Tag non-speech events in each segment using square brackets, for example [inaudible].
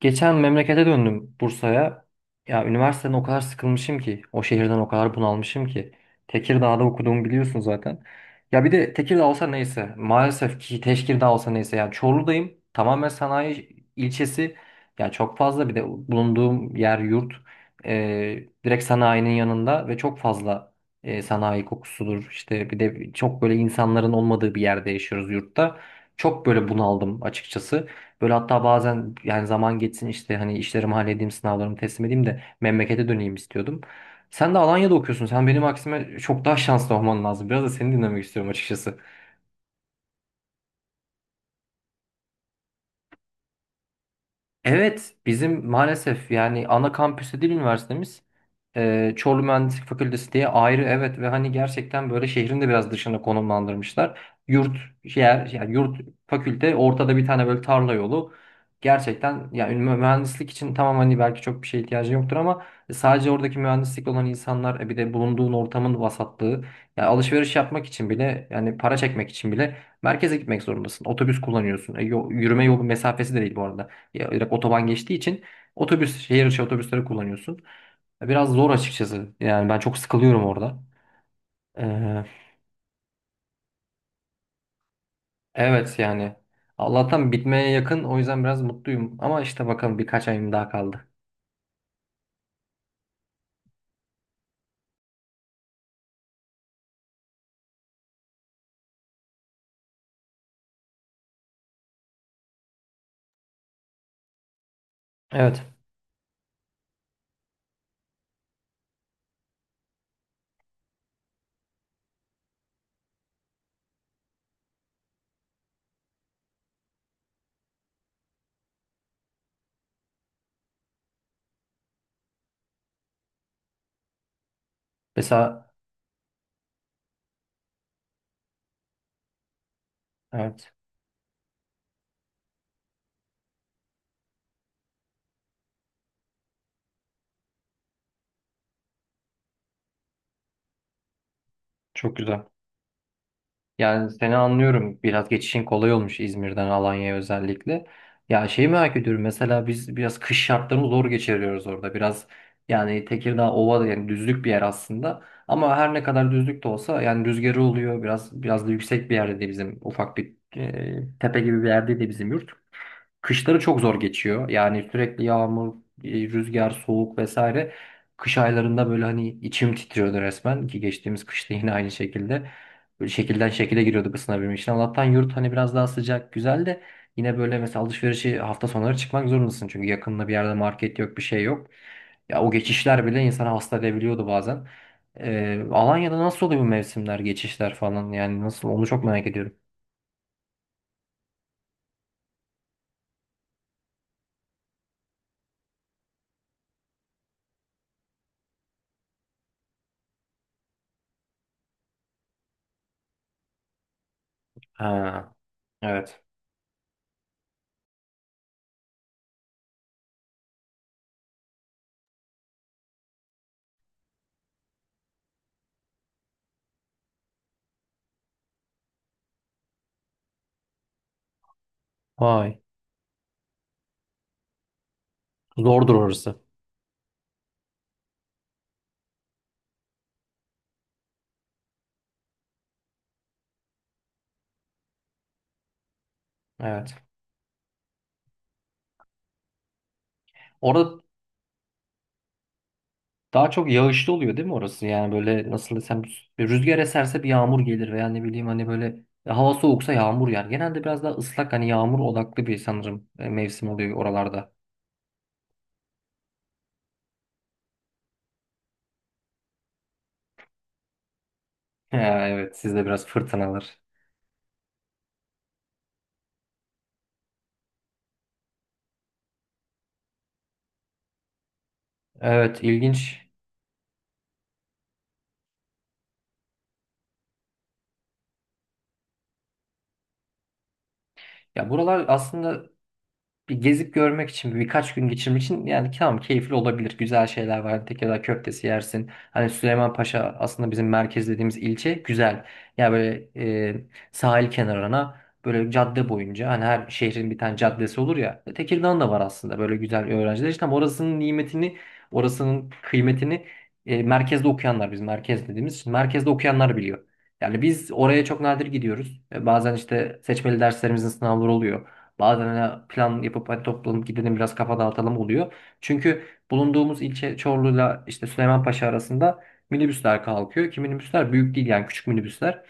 Geçen memlekete döndüm Bursa'ya. Ya üniversiteden o kadar sıkılmışım ki, o şehirden o kadar bunalmışım ki. Tekirdağ'da okuduğumu biliyorsun zaten. Ya bir de Tekirdağ olsa neyse, maalesef ki Teşkirdağ olsa neyse. Yani Çorlu'dayım, tamamen sanayi ilçesi. Ya çok fazla bir de bulunduğum yer yurt. Direkt sanayinin yanında ve çok fazla sanayi kokusudur. İşte bir de çok böyle insanların olmadığı bir yerde yaşıyoruz yurtta. Çok böyle bunaldım açıkçası. Böyle hatta bazen yani zaman geçsin işte hani işlerimi halledeyim, sınavlarımı teslim edeyim de memlekete döneyim istiyordum. Sen de Alanya'da okuyorsun. Sen benim aksime çok daha şanslı olman lazım. Biraz da seni dinlemek istiyorum açıkçası. Evet, bizim maalesef yani ana kampüsü değil üniversitemiz. Çorlu Mühendislik Fakültesi diye ayrı evet ve hani gerçekten böyle şehrin de biraz dışına konumlandırmışlar. Yurt yer yani yurt fakülte ortada bir tane böyle tarla yolu. Gerçekten yani mühendislik için tamam hani belki çok bir şeye ihtiyacı yoktur ama sadece oradaki mühendislik olan insanlar e bir de bulunduğun ortamın vasatlığı yani alışveriş yapmak için bile yani para çekmek için bile merkeze gitmek zorundasın. Otobüs kullanıyorsun. E, yürüme yolu mesafesi de değil bu arada. Ya, direkt otoban geçtiği için otobüs, şehir içi otobüsleri kullanıyorsun. Biraz zor açıkçası. Yani ben çok sıkılıyorum orada. Ee, evet yani. Allah'tan bitmeye yakın. O yüzden biraz mutluyum. Ama işte bakalım birkaç ayım daha kaldı. Evet. Mesela evet. Çok güzel. Yani seni anlıyorum. Biraz geçişin kolay olmuş İzmir'den Alanya'ya özellikle. Ya şeyi merak ediyorum. Mesela biz biraz kış şartlarını zor geçiriyoruz orada. Biraz yani Tekirdağ ova da yani düzlük bir yer aslında. Ama her ne kadar düzlük de olsa yani rüzgarı oluyor. Biraz da yüksek bir yerde de bizim ufak bir tepe gibi bir yerde de bizim yurt. Kışları çok zor geçiyor. Yani sürekli yağmur, rüzgar, soğuk vesaire. Kış aylarında böyle hani içim titriyordu resmen ki geçtiğimiz kışta [laughs] yine aynı şekilde. Böyle şekilden şekile giriyorduk ısınabilmek için. Allah'tan yurt hani biraz daha sıcak, güzel de yine böyle mesela alışverişi hafta sonları çıkmak zorundasın. Çünkü yakında bir yerde market yok, bir şey yok. Ya o geçişler bile insanı hasta edebiliyordu bazen. Alanya'da nasıl oluyor bu mevsimler, geçişler falan? Yani nasıl? Onu çok merak ediyorum. Ha, evet. Vay. Zordur orası. Evet. Orada daha çok yağışlı oluyor değil mi orası? Yani böyle nasıl desem bir rüzgar eserse bir yağmur gelir veya ne bileyim hani böyle hava soğuksa yağmur yer. Genelde biraz daha ıslak hani yağmur odaklı bir sanırım mevsim oluyor oralarda. [laughs] Ha, evet sizde biraz fırtınalar. Evet ilginç. Ya buralar aslında bir gezip görmek için birkaç gün geçirmek için yani tamam keyifli olabilir. Güzel şeyler var. Tekirdağ köftesi yersin. Hani Süleymanpaşa aslında bizim merkez dediğimiz ilçe güzel. Yani böyle e, sahil kenarına böyle cadde boyunca hani her şehrin bir tane caddesi olur ya. Tekirdağ'ın da var aslında böyle güzel öğrenciler. İşte ama orasının nimetini, orasının kıymetini merkezde okuyanlar biz merkez dediğimiz için merkezde okuyanlar biliyor. Yani biz oraya çok nadir gidiyoruz. E, bazen işte seçmeli derslerimizin sınavları oluyor. Bazen hani plan yapıp hadi toplanıp gidelim biraz kafa dağıtalım oluyor. Çünkü bulunduğumuz ilçe Çorlu'yla işte Süleymanpaşa arasında minibüsler kalkıyor ki minibüsler büyük değil yani küçük minibüsler.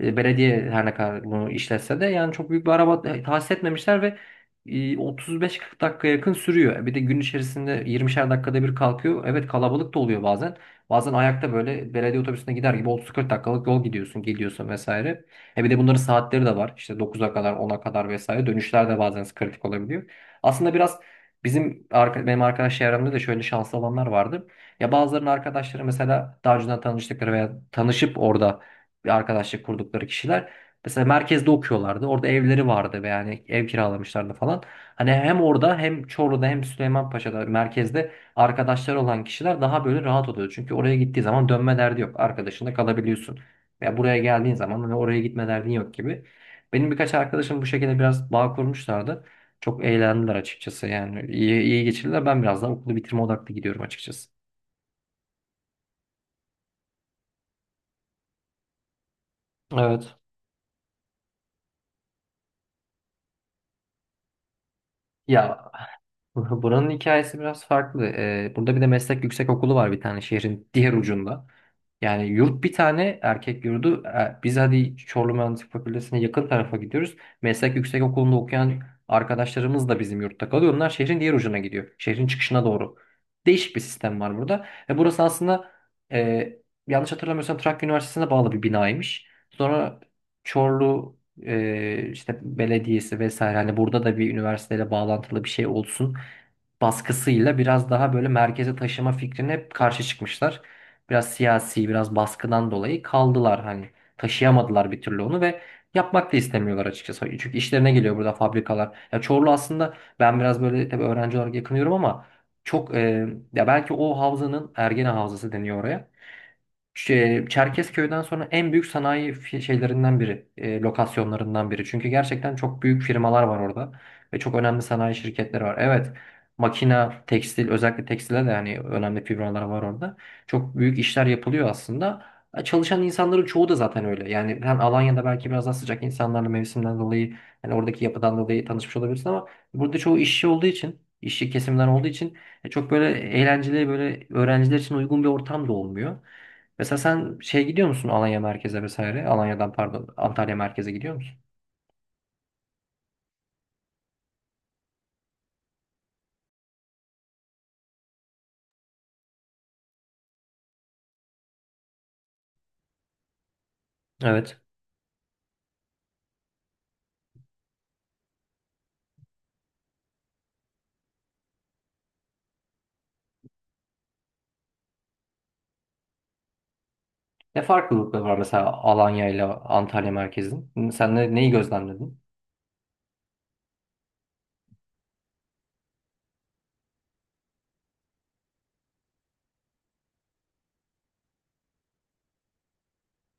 E, belediye her ne kadar bunu işletse de yani çok büyük bir araba tahsis etmemişler ve 35-40 dakika yakın sürüyor. E, bir de gün içerisinde 20'şer dakikada bir kalkıyor. Evet kalabalık da oluyor bazen. Bazen ayakta böyle belediye otobüsüne gider gibi 30-40 dakikalık yol gidiyorsun, geliyorsun vesaire. E bir de bunların saatleri de var. İşte 9'a kadar, 10'a kadar vesaire. Dönüşler de bazen kritik olabiliyor. Aslında biraz benim arkadaş çevremde de şöyle şanslı olanlar vardı. Ya bazılarının arkadaşları mesela daha önceden tanıştıkları veya tanışıp orada bir arkadaşlık kurdukları kişiler. Mesela merkezde okuyorlardı. Orada evleri vardı ve yani ev kiralamışlardı falan. Hani hem orada hem Çorlu'da hem Süleymanpaşa'da merkezde arkadaşlar olan kişiler daha böyle rahat oluyor. Çünkü oraya gittiği zaman dönme derdi yok. Arkadaşında kalabiliyorsun. Veya buraya geldiğin zaman hani oraya gitme derdin yok gibi. Benim birkaç arkadaşım bu şekilde biraz bağ kurmuşlardı. Çok eğlendiler açıkçası yani iyi, iyi geçirdiler. Ben biraz daha okulu bitirme odaklı gidiyorum açıkçası. Evet. Ya [laughs] Buranın hikayesi biraz farklı. Burada bir de meslek yüksekokulu var bir tane şehrin diğer ucunda. Yani yurt bir tane erkek yurdu. Biz hadi Çorlu Mühendislik Fakültesi'ne yakın tarafa gidiyoruz. Meslek yüksekokulu'nda okuyan arkadaşlarımız da bizim yurtta kalıyor. Onlar şehrin diğer ucuna gidiyor. Şehrin çıkışına doğru. Değişik bir sistem var burada. Ve burası aslında e, yanlış hatırlamıyorsam Trakya Üniversitesi'ne bağlı bir binaymış. Sonra Çorlu işte belediyesi vesaire hani burada da bir üniversiteyle bağlantılı bir şey olsun baskısıyla biraz daha böyle merkeze taşıma fikrine hep karşı çıkmışlar. Biraz siyasi, biraz baskıdan dolayı kaldılar hani taşıyamadılar bir türlü onu ve yapmak da istemiyorlar açıkçası. Çünkü işlerine geliyor burada fabrikalar. Ya Çorlu aslında ben biraz böyle tabii öğrenci olarak yakınıyorum ama çok ya belki o havzanın Ergene Havzası deniyor oraya. Çerkezköy'den sonra en büyük sanayi şeylerinden biri, lokasyonlarından biri. Çünkü gerçekten çok büyük firmalar var orada ve çok önemli sanayi şirketleri var. Evet, makina, tekstil, özellikle tekstile de yani önemli firmalar var orada. Çok büyük işler yapılıyor aslında. E, çalışan insanların çoğu da zaten öyle. Yani sen Alanya'da belki biraz daha sıcak insanlarla mevsimden dolayı, yani oradaki yapıdan dolayı tanışmış olabilirsin ama burada çoğu işçi olduğu için, işçi kesimden olduğu için çok böyle eğlenceli, böyle öğrenciler için uygun bir ortam da olmuyor. Mesela sen şey gidiyor musun Alanya merkeze vesaire? Alanya'dan pardon Antalya merkeze gidiyor musun? Evet. Ne farklılıkları var mesela Alanya ile Antalya merkezin? Sen ne, neyi gözlemledin?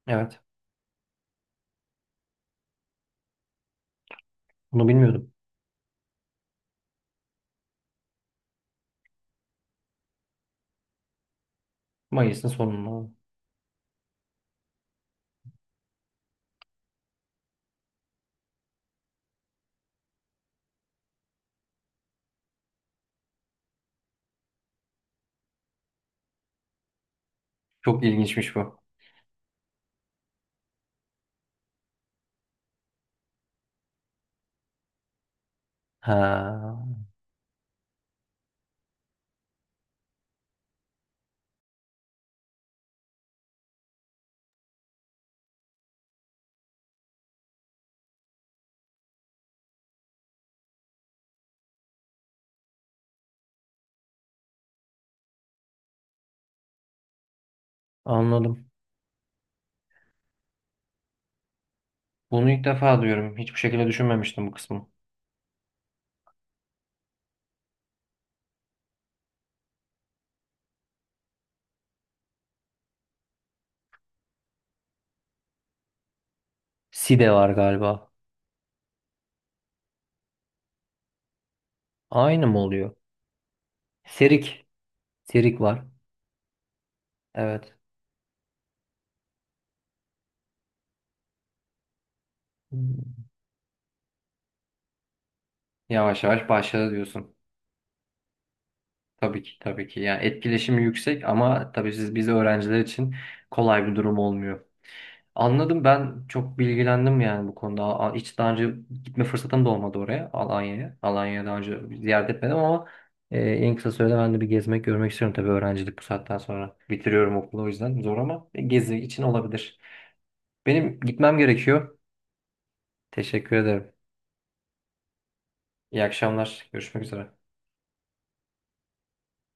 Evet. Bunu bilmiyordum. Mayıs'ın sonunda. Çok ilginçmiş bu. Ha, anladım. Bunu ilk defa duyuyorum. Hiçbir şekilde düşünmemiştim bu kısmı. Side var galiba. Aynı mı oluyor? Serik. Serik var. Evet. Yavaş yavaş başladı diyorsun. Tabii ki tabii ki. Yani etkileşimi yüksek ama tabii siz biz öğrenciler için kolay bir durum olmuyor. Anladım ben çok bilgilendim yani bu konuda. Hiç daha önce gitme fırsatım da olmadı oraya Alanya'ya. Alanya'ya daha önce ziyaret etmedim ama en kısa sürede ben de bir gezmek görmek istiyorum tabii öğrencilik bu saatten sonra. Bitiriyorum okulu o yüzden zor ama gezi için olabilir. Benim gitmem gerekiyor. Teşekkür ederim. İyi akşamlar. Görüşmek üzere.